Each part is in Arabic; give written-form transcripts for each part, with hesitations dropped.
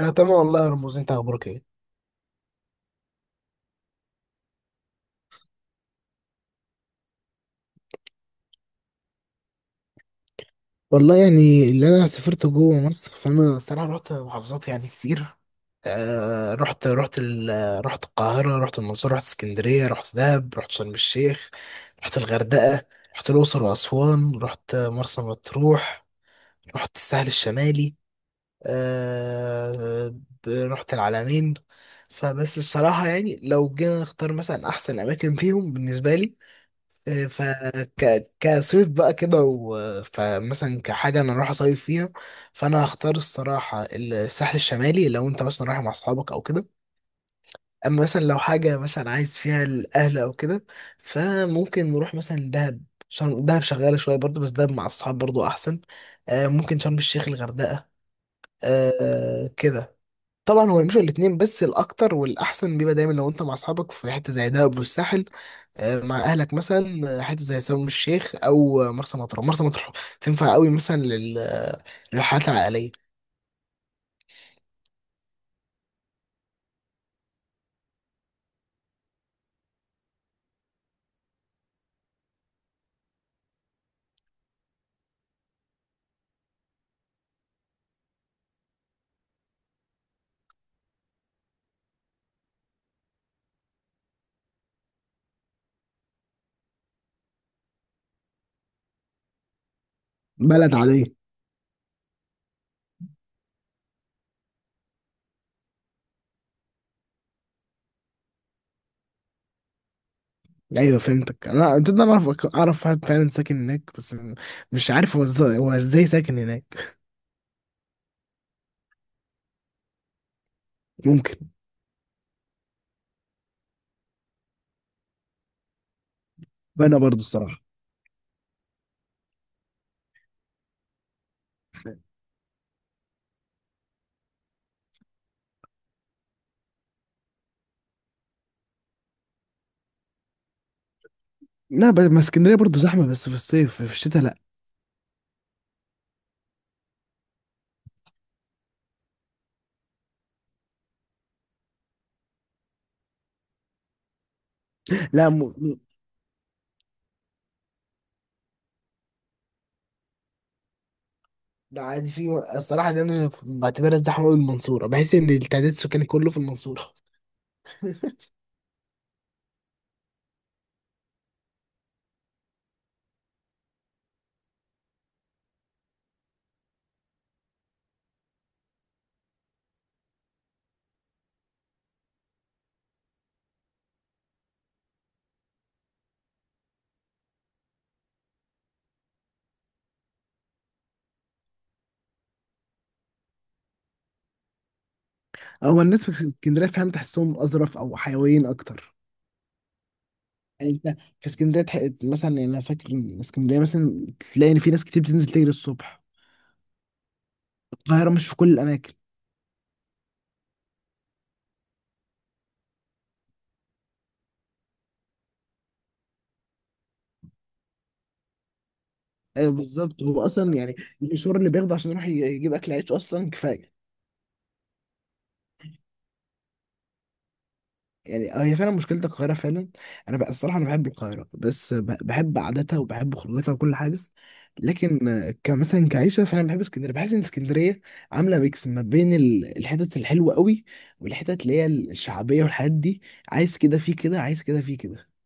انا تمام والله يا رموز، انت اخبارك ايه؟ والله يعني اللي انا سافرت جوه مصر فانا الصراحه رحت محافظات يعني كتير. آه، رحت القاهره، رحت المنصوره، رحت اسكندريه، رحت دهب، رحت شرم الشيخ، رحت الغردقه، رحت الاقصر واسوان، رحت مرسى مطروح، رحت الساحل الشمالي. آه، رحت العلمين. فبس الصراحه يعني لو جينا نختار مثلا احسن اماكن فيهم بالنسبه لي إيه، فك كصيف بقى كده فمثلا كحاجة أنا رايح أصيف فيها، فأنا هختار الصراحة الساحل الشمالي لو أنت مثلا رايح مع أصحابك أو كده. أما مثلا لو حاجة مثلا عايز فيها الأهل أو كده فممكن نروح مثلا دهب. شرم دهب شغالة شوية برضه، بس دهب مع الصحاب برضه أحسن. آه، ممكن شرم الشيخ، الغردقة. آه، كده. طبعا هو يمشوا الاتنين، بس الأكتر والأحسن بيبقى دايما لو أنت مع أصحابك في حتة زي دهب والساحل. آه، مع اهلك مثلا حته زي شرم الشيخ، او مرسى مطروح. مرسى مطروح تنفع قوي مثلا للرحلات العائليه. بلد عادية. ايوه فهمتك. انا انت أنا اعرف واحد فعلا ساكن هناك، بس مش عارف هو ازاي ساكن هناك. ممكن. وانا برضو الصراحة. لا، ما اسكندرية برضو زحمة، بس في الصيف، في الشتاء لا. لا، لا، عادي. في الصراحه دي انا بعتبرها الزحمه قوي المنصوره، بحس ان التعداد السكاني كله في المنصوره. هو الناس في اسكندرية، فاهم، تحسهم أظرف أو حيويين أكتر. يعني انت في اسكندريه مثلا، يعني انا فاكر ان اسكندريه مثلا تلاقي ان في ناس كتير بتنزل تجري الصبح. القاهره مش في كل الاماكن. ايوه بالظبط، هو اصلا يعني المشوار اللي بياخده عشان يروح يجيب اكل عيش اصلا كفايه. يعني هي فعلا مشكله القاهره فعلا. انا بقى الصراحه انا بحب القاهره، بس بحب عاداتها وبحب خروجاتها وكل حاجه. لكن كمثلا كعيشه فانا بحب اسكندريه، بحس ان اسكندريه عامله ميكس ما بين الحتت الحلوه قوي، والحتت اللي هي الشعبيه والحاجات دي. عايز كده في كده، عايز كده في كده.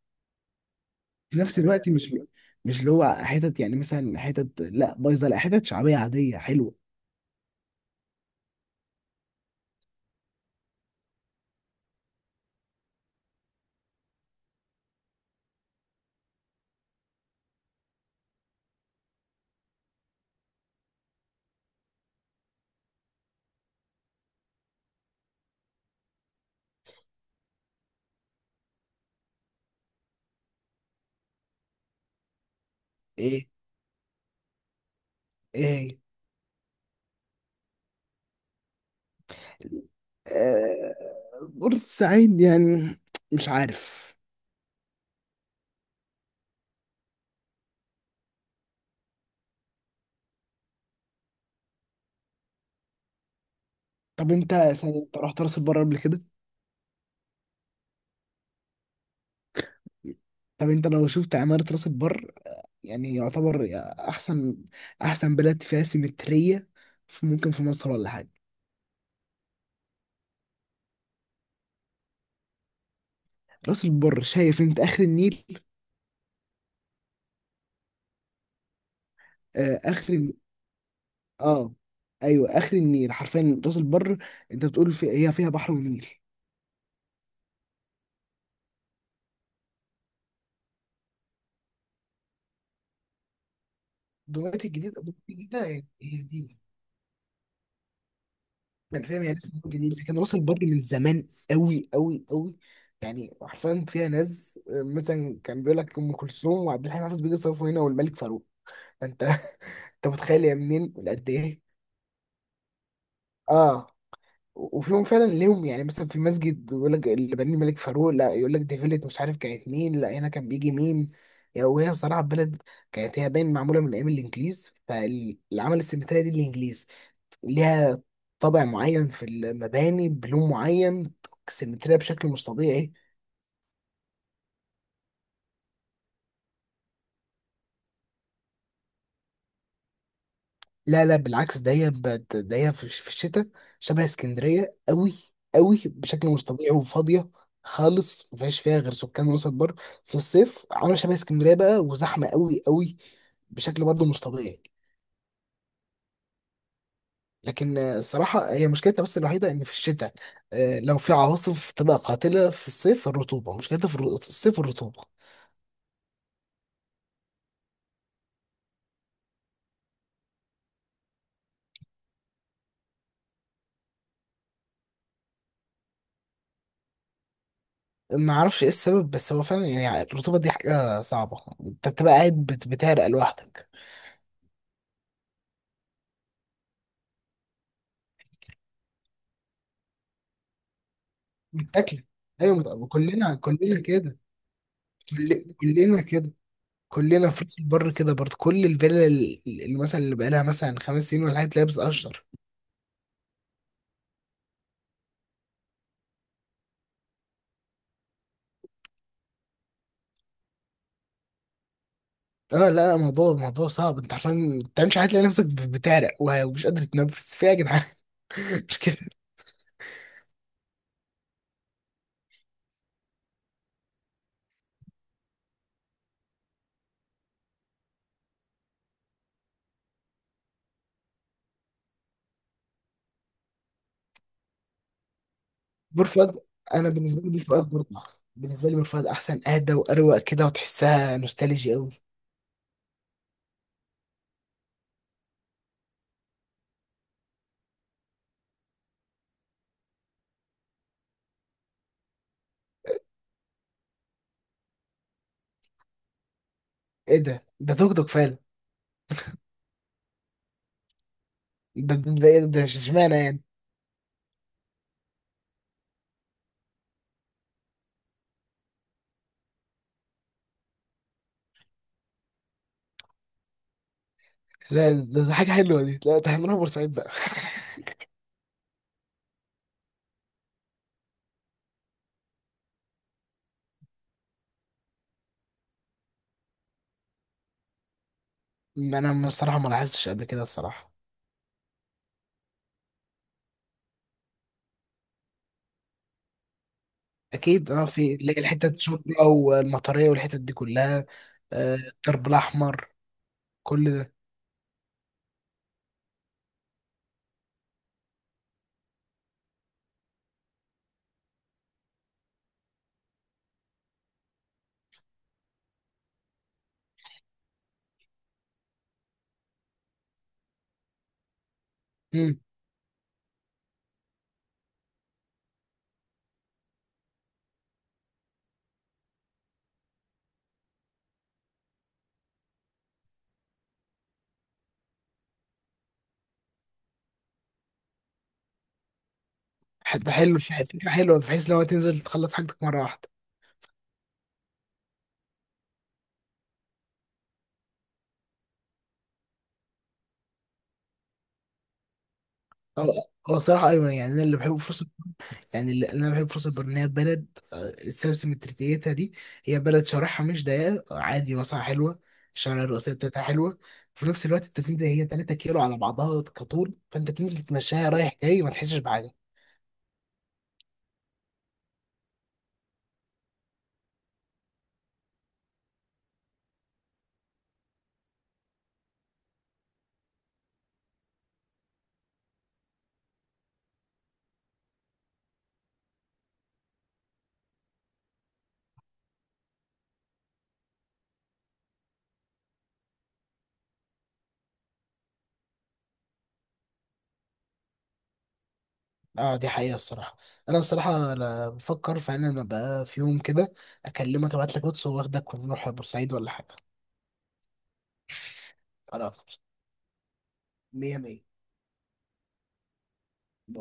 في نفس الوقت مش اللي هو حتت، يعني مثلا حتت لا بايظه، لا حتت شعبيه عاديه حلوه. ايه، ايه، آه، بورسعيد يعني مش عارف. طب انت سنة انت رحت راس البر قبل كده؟ طب انت لو شفت عمارة راس البر، يعني يعتبر احسن احسن بلد فيها سيمترية ممكن في مصر ولا حاجة. راس البر، شايف، انت اخر النيل. آه اخر الن- اه، ايوه، اخر النيل حرفيا راس البر. انت بتقول، هي فيها بحر ونيل. دلوقتي الجديدة يعني هي جديدة، يعني فاهم هي لسه جديد، لكن راس البر من زمان قوي قوي قوي. يعني حرفيا فيها ناس مثلا كان بيقول لك ام كلثوم وعبد الحليم حافظ بيجي يصرفوا هنا، والملك فاروق. فانت انت متخيل يا منين قد ايه. اه، وفيهم فعلا ليهم، يعني مثلا في مسجد يقول لك اللي بنيه الملك فاروق، لا يقول لك دي فيلة مش عارف كانت مين، لا هنا كان بيجي مين. يعني وهي صراحة بلد كانت، هي باين معمولة من أيام الإنجليز، فالعمل السيمترية دي الإنجليز، ليها طابع معين في المباني، بلون معين، سيمترية بشكل مش طبيعي. لا لا، بالعكس، ده هي في الشتاء شبه اسكندرية قوي. قوي بشكل مش طبيعي، وفاضية خالص، مفيهاش فيها غير سكان راس البر. في الصيف عاملة شبه اسكندرية بقى، وزحمة قوي قوي، بشكل برضه مش طبيعي. لكن الصراحة هي مشكلتها بس الوحيدة إن في الشتاء لو في عواصف تبقى قاتلة. في الصيف الرطوبة، مشكلتها في الصيف الرطوبة. ما اعرفش ايه السبب، بس هو فعلا يعني الرطوبه دي حاجه صعبه، انت بتبقى قاعد بتعرق لوحدك. بتاكل. ايوه، كلنا كده. كلنا كده. كلنا في راس البر كده برضه، كل الفيلا اللي بقالها مثلا 5 سنين ولا حاجه تلاقيها بتقشر. اه لا لا، الموضوع صعب، انت عشان ما تعملش حاجه تلاقي نفسك بتعرق، ومش قادر تتنفس في إيه يا جدعان؟ مش كده. بور فؤاد، انا بالنسبه لي بور فؤاد برضه أحسن. بالنسبه لي بور فؤاد احسن، اهدى واروق كده، وتحسها نوستالجي قوي. ايه ده توك توك فعلا؟ ده ايه، ده اشمعنى يعني؟ لا، ده حاجة حلوة دي، لا ده هنروح بورسعيد بقى. ما انا الصراحة ما لاحظتش قبل كده الصراحة. اكيد اه، في اللي هي الحتة الشرطة والمطرية والحتت دي كلها، الدرب الاحمر، كل ده. امم. حتى حلو، فكرة حلوة بحيث لو تنزل تخلص حاجتك مرة واحدة. هو الصراحة ايوه، يعني انا اللي بحبه في، يعني اللي انا بحب فرصه البر ان هي بلد السلسله مترتيتها دي، هي بلد شرحها مش ضيقه، عادي واسعه حلوه. الشوارع الرئيسيه بتاعتها حلوه. في نفس الوقت انت تنزل، هي 3 كيلو على بعضها كطول، فانت تنزل تمشيها رايح جاي ما تحسش بحاجه. اه دي حقيقه الصراحه. انا الصراحه انا بفكر فعلا، انا بقى في يوم كده اكلمك، ابعت لك واتس واخدك ونروح بورسعيد ولا حاجه. خلاص، مية مية.